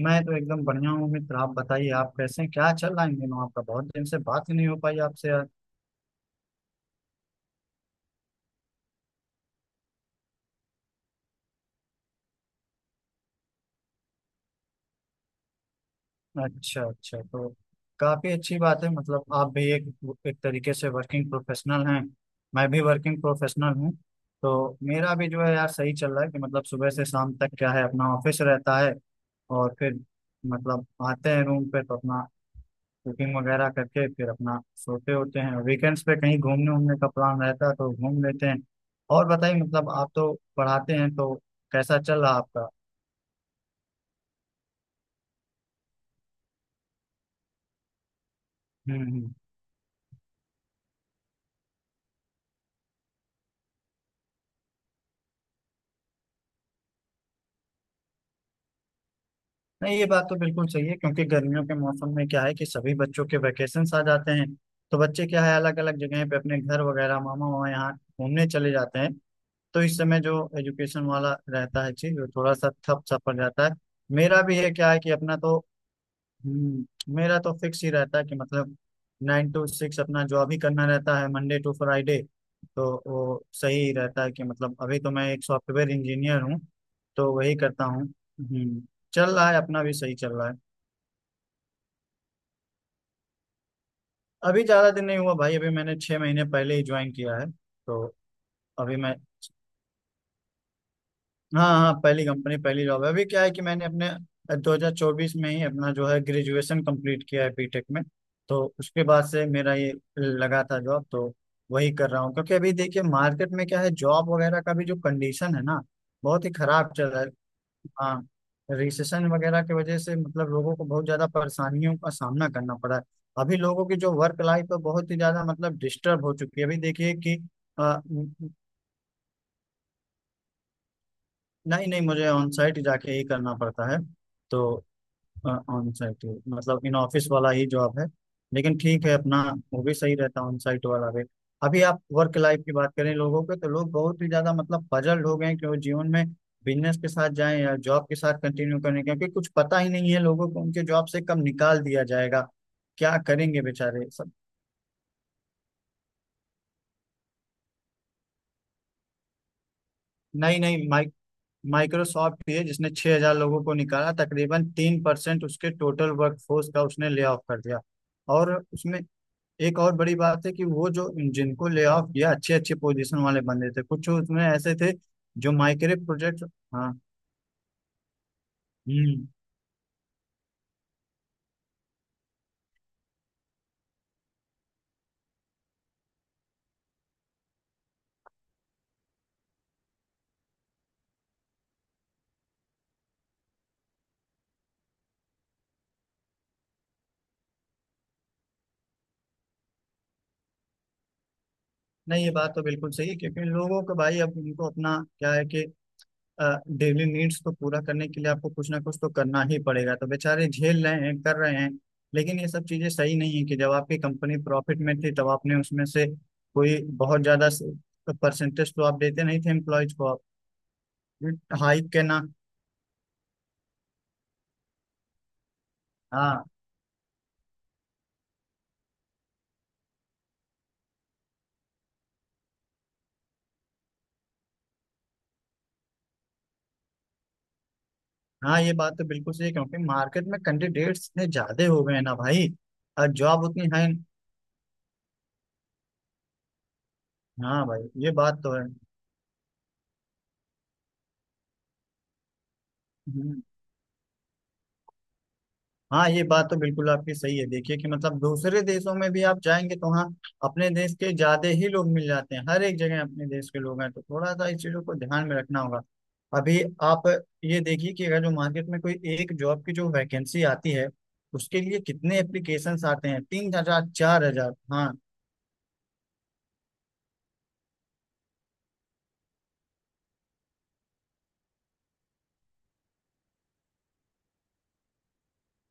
मैं तो एकदम बढ़िया हूँ मित्र। आप बताइए, आप कैसे हैं? क्या चल रहा है इन दिनों आपका? बहुत दिन से बात ही नहीं हो पाई आपसे यार। अच्छा अच्छा। तो काफी अच्छी बात है, मतलब आप भी एक एक तरीके से वर्किंग प्रोफेशनल हैं। मैं भी वर्किंग प्रोफेशनल हूँ। तो मेरा भी जो है यार सही चल रहा है कि मतलब सुबह से शाम तक क्या है अपना ऑफिस रहता है। और फिर मतलब आते हैं रूम पे तो अपना कुकिंग वगैरह करके फिर अपना सोते होते हैं। वीकेंड्स पे कहीं घूमने उमने का प्लान रहता है तो घूम लेते हैं। और बताइए, मतलब आप तो पढ़ाते हैं तो कैसा चल रहा आपका? हम्म। नहीं ये बात तो बिल्कुल सही है क्योंकि गर्मियों के मौसम में क्या है कि सभी बच्चों के वैकेशंस आ जाते हैं। तो बच्चे क्या है, अलग अलग जगह पे अपने घर वगैरह मामा वहाँ यहाँ घूमने चले जाते हैं। तो इस समय जो एजुकेशन वाला रहता है चीज वो थोड़ा सा ठप सा पड़ जाता है। मेरा भी है, क्या है कि अपना तो मेरा तो फिक्स ही रहता है कि मतलब नाइन टू सिक्स अपना जॉब ही करना रहता है मंडे टू फ्राइडे। तो वो सही ही रहता है कि मतलब अभी तो मैं एक सॉफ्टवेयर इंजीनियर हूँ। तो वही करता हूँ। चल रहा है, अपना भी सही चल रहा है। अभी ज़्यादा दिन नहीं हुआ भाई, अभी मैंने 6 महीने पहले ही ज्वाइन किया है तो। अभी मैं हाँ हाँ, पहली कंपनी पहली जॉब है। अभी क्या है कि मैंने अपने 2024 में ही अपना जो है ग्रेजुएशन कंप्लीट किया है बीटेक में। तो उसके बाद से मेरा ये लगा था जॉब, तो वही कर रहा हूँ क्योंकि अभी देखिए मार्केट में क्या है जॉब वगैरह का भी जो कंडीशन है ना बहुत ही खराब चल रहा है। हाँ। रिसेशन वगैरह की वजह से मतलब लोगों को बहुत ज्यादा परेशानियों का सामना करना पड़ा है। अभी लोगों की जो वर्क लाइफ है बहुत ही ज्यादा मतलब डिस्टर्ब हो चुकी है, अभी देखिए कि नहीं नहीं, मुझे ऑन साइट जाके ही करना पड़ता है तो। ऑन साइट ही, मतलब इन ऑफिस वाला ही जॉब है। लेकिन ठीक है अपना, वो भी सही रहता है ऑन साइट वाला भी। अभी आप वर्क लाइफ की बात करें लोगों के तो लोग बहुत ही ज्यादा मतलब पजल्ड हो गए हैं कि वो जीवन में बिजनेस के साथ जाएं या जॉब के साथ कंटिन्यू करें क्योंकि कुछ पता ही नहीं है लोगों को उनके जॉब से कब निकाल दिया जाएगा। क्या करेंगे बेचारे सब। नई नई माइक्रोसॉफ्ट ही है जिसने 6,000 लोगों को निकाला, तकरीबन 3% उसके टोटल वर्कफोर्स का उसने ले ऑफ कर दिया। और उसमें एक और बड़ी बात है कि वो जो जिनको ले ऑफ किया अच्छे अच्छे पोजीशन वाले बंदे थे, कुछ उसमें ऐसे थे जो माइक्रो प्रोजेक्ट। हाँ। हम्म। नहीं ये बात तो बिल्कुल सही है क्योंकि लोगों को भाई अब उनको अपना क्या है कि डेली नीड्स को पूरा करने के लिए आपको कुछ ना कुछ तो करना ही पड़ेगा तो बेचारे झेल रहे हैं कर रहे हैं। लेकिन ये सब चीजें सही नहीं है कि जब आपकी कंपनी प्रॉफिट में थी तब आपने उसमें से कोई बहुत ज्यादा परसेंटेज तो आप देते नहीं थे एम्प्लॉयज को आप हाइक के ना। हाँ हाँ, ये बात तो बिल्कुल सही है क्योंकि मार्केट में कैंडिडेट्स इतने ज्यादा हो गए हैं ना भाई। और जॉब उतनी है नहीं। हाँ भाई ये बात तो है। हम्म। हाँ ये बात तो बिल्कुल आपकी सही है, देखिए कि मतलब दूसरे देशों में भी आप जाएंगे तो हाँ अपने देश के ज्यादा ही लोग मिल जाते हैं, हर एक जगह अपने देश के लोग हैं तो थोड़ा सा इस चीजों को ध्यान में रखना होगा। अभी आप ये देखिए कि अगर जो मार्केट में कोई एक जॉब की जो वैकेंसी आती है उसके लिए कितने एप्लीकेशंस आते हैं? 3 हज़ार 4 हज़ार। हाँ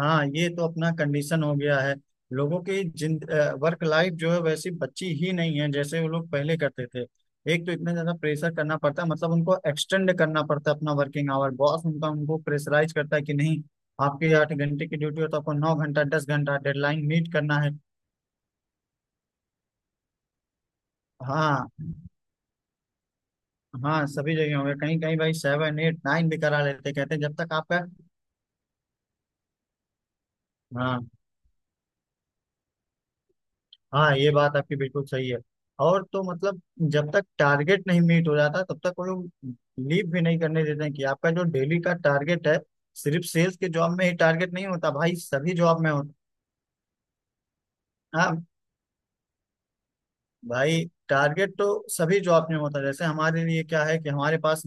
हाँ, ये तो अपना कंडीशन हो गया है लोगों की। जिन वर्क लाइफ जो है वैसी बची ही नहीं है जैसे वो लोग पहले करते थे। एक तो इतना ज्यादा प्रेशर करना पड़ता है मतलब उनको एक्सटेंड करना पड़ता है अपना वर्किंग आवर, बॉस उनका उनको प्रेशराइज करता है कि नहीं आपके 8 घंटे की ड्यूटी हो तो आपको 9 घंटा 10 घंटा डेडलाइन मीट करना है। हाँ हाँ, सभी जगह होंगे कहीं कहीं भाई सेवन एट नाइन भी करा लेते, कहते हैं जब तक आपका। हाँ हाँ, ये बात आपकी बिल्कुल सही है। और तो मतलब जब तक टारगेट नहीं मीट हो जाता तब तक वो लोग लीव भी नहीं करने देते हैं कि आपका जो डेली का टारगेट है। सिर्फ सेल्स के जॉब में ही टारगेट नहीं होता भाई, सभी जॉब में होता। हाँ भाई, टारगेट तो सभी जॉब में होता है। जैसे हमारे लिए क्या है कि हमारे पास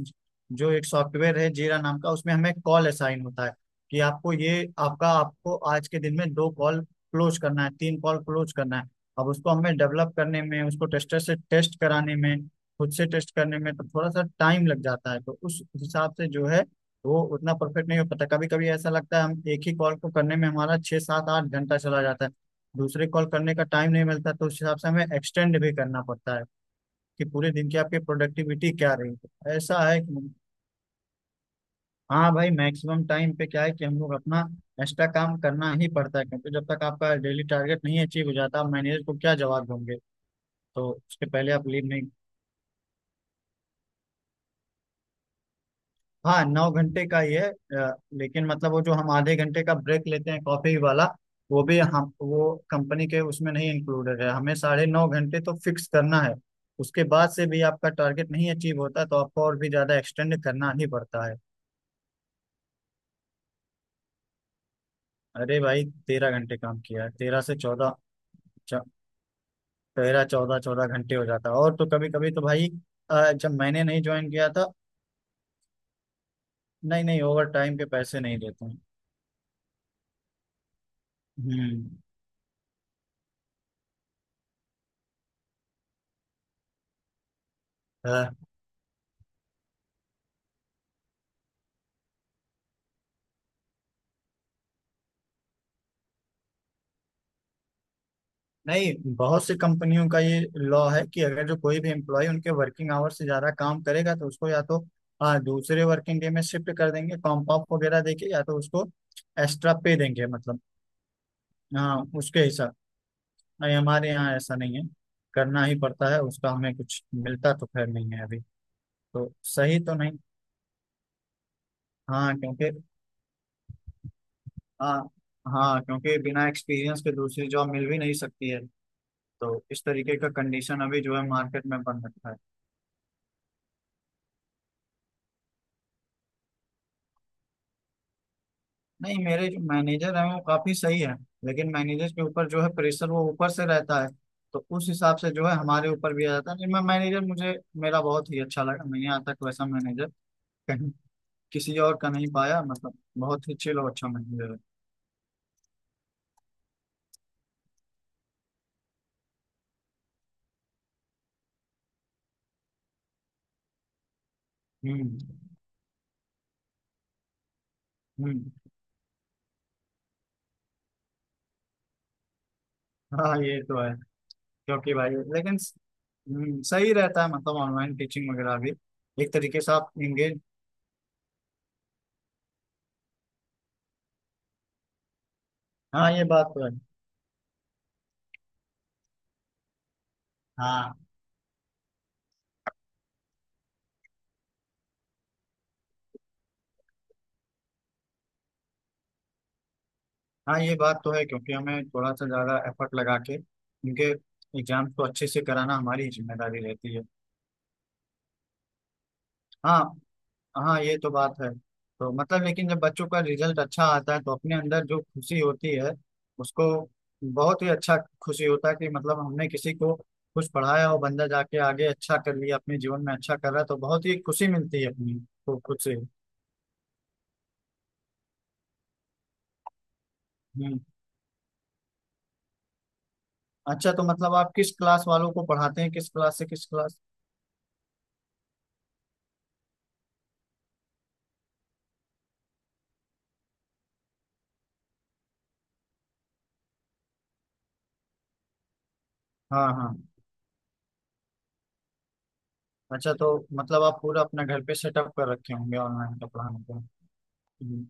जो एक सॉफ्टवेयर है जीरा नाम का उसमें हमें कॉल असाइन होता है कि आपको ये आपका आपको आज के दिन में 2 कॉल क्लोज करना है 3 कॉल क्लोज करना है। अब उसको हमें डेवलप करने में उसको टेस्टर से टेस्ट कराने में खुद से टेस्ट करने में तो थोड़ा सा टाइम लग जाता है तो उस हिसाब से जो है वो उतना परफेक्ट नहीं हो पाता। कभी कभी ऐसा लगता है हम एक ही कॉल को करने में हमारा छः सात आठ घंटा चला जाता है, दूसरे कॉल करने का टाइम नहीं मिलता तो उस हिसाब से हमें एक्सटेंड भी करना पड़ता है कि पूरे दिन की आपकी प्रोडक्टिविटी क्या रही है। ऐसा है कि हाँ भाई, मैक्सिमम टाइम पे क्या है कि हम लोग अपना एक्स्ट्रा काम करना ही पड़ता है क्योंकि जब तक आपका डेली टारगेट नहीं अचीव हो जाता आप मैनेजर को क्या जवाब दोगे? तो उसके पहले आप लीव नहीं। हाँ नौ घंटे का ही है, लेकिन मतलब वो जो हम आधे घंटे का ब्रेक लेते हैं कॉफी वाला वो भी हम वो कंपनी के उसमें नहीं इंक्लूडेड है, हमें 9:30 घंटे तो फिक्स करना है। उसके बाद से भी आपका टारगेट नहीं अचीव होता तो आपको और भी ज्यादा एक्सटेंड करना ही पड़ता है। अरे भाई, 13 घंटे काम किया है, तेरह से चौदह तेरह चौदह चौदह घंटे हो जाता है। और तो कभी कभी तो भाई जब मैंने नहीं ज्वाइन किया था। नहीं नहीं, ओवर टाइम के पैसे नहीं देते हैं। हम्म। नहीं बहुत सी कंपनियों का ये लॉ है कि अगर जो कोई भी एम्प्लॉय उनके वर्किंग आवर से ज्यादा काम करेगा तो उसको या तो दूसरे वर्किंग डे में शिफ्ट कर देंगे कॉम्प ऑफ वगैरह देके या तो उसको एक्स्ट्रा पे देंगे मतलब। हाँ उसके हिसाब, नहीं हमारे यहाँ ऐसा नहीं है। करना ही पड़ता है, उसका हमें कुछ मिलता तो खैर नहीं है अभी। तो सही तो नहीं। हाँ क्योंकि हाँ हाँ क्योंकि बिना एक्सपीरियंस के दूसरी जॉब मिल भी नहीं सकती है। तो इस तरीके का कंडीशन अभी जो है मार्केट में बन रखा है। नहीं, मेरे जो मैनेजर हैं वो काफी सही है। लेकिन मैनेजर के ऊपर जो है प्रेशर वो ऊपर से रहता है। तो उस हिसाब से जो है हमारे ऊपर भी आ जाता है। नहीं मैं मैनेजर, मुझे मेरा बहुत ही अच्छा लगा। मैंने यहाँ तक वैसा मैनेजर कहीं किसी और का नहीं पाया, मतलब बहुत ही चिल और अच्छा मैनेजर है। हम्म हम्म। हाँ ये तो है क्योंकि भाई लेकिन सही रहता है मतलब ऑनलाइन टीचिंग वगैरह भी एक तरीके से आप इंगेज। हाँ ये बात तो है। हाँ हाँ, ये बात तो है क्योंकि हमें थोड़ा सा ज़्यादा एफर्ट लगा के उनके एग्जाम को अच्छे से कराना हमारी जिम्मेदारी रहती है। हाँ हाँ, ये तो बात है। तो मतलब लेकिन जब बच्चों का रिजल्ट अच्छा आता है तो अपने अंदर जो खुशी होती है उसको बहुत ही अच्छा खुशी होता है कि मतलब हमने किसी को कुछ पढ़ाया और बंदा जाके आगे अच्छा कर लिया, अपने जीवन में अच्छा कर रहा है तो बहुत ही खुशी मिलती है अपनी को खुद से। हम्म। अच्छा तो मतलब आप किस क्लास वालों को पढ़ाते हैं? किस क्लास से किस क्लास? हाँ हाँ। अच्छा तो मतलब आप पूरा अपना घर पे सेटअप कर रखे होंगे ऑनलाइन का पढ़ाने का। हम्म,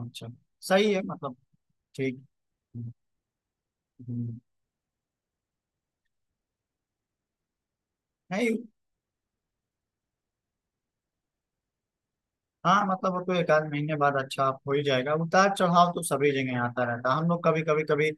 अच्छा। सही है मतलब ठीक। हम्म, हम्म। नहीं। हाँ मतलब वो तो एक आध महीने बाद अच्छा हो ही जाएगा, उतार चढ़ाव तो सभी जगह आता रहता है। हम लोग कभी कभी कभी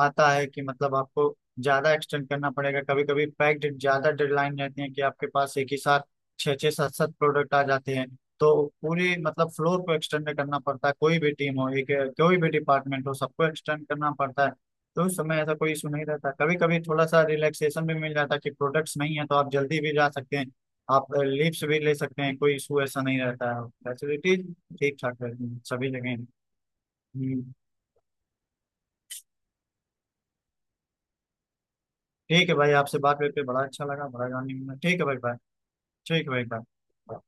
आता है कि मतलब आपको ज्यादा एक्सटेंड करना पड़ेगा, कभी कभी पैक्ड ज्यादा डेडलाइन रहती है कि आपके पास एक ही साथ छः छः सात सात प्रोडक्ट आ जाते हैं। तो पूरी मतलब फ्लोर को एक्सटेंड करना पड़ता है, कोई भी टीम हो एक कोई भी डिपार्टमेंट हो सबको एक्सटेंड करना पड़ता है। तो उस समय ऐसा कोई इशू नहीं रहता, कभी कभी थोड़ा सा रिलैक्सेशन भी मिल जाता है कि प्रोडक्ट्स नहीं है तो आप जल्दी भी जा सकते हैं आप लीव्स भी ले सकते हैं। कोई इशू ऐसा नहीं रहता है, फैसिलिटीज ठीक ठाक रहती हैं सभी जगह। हम्म, ठीक है भाई आपसे बात करके बड़ा अच्छा लगा, बड़ा जानने को मिला। ठीक है भाई बाय। ठीक है भाई बाय।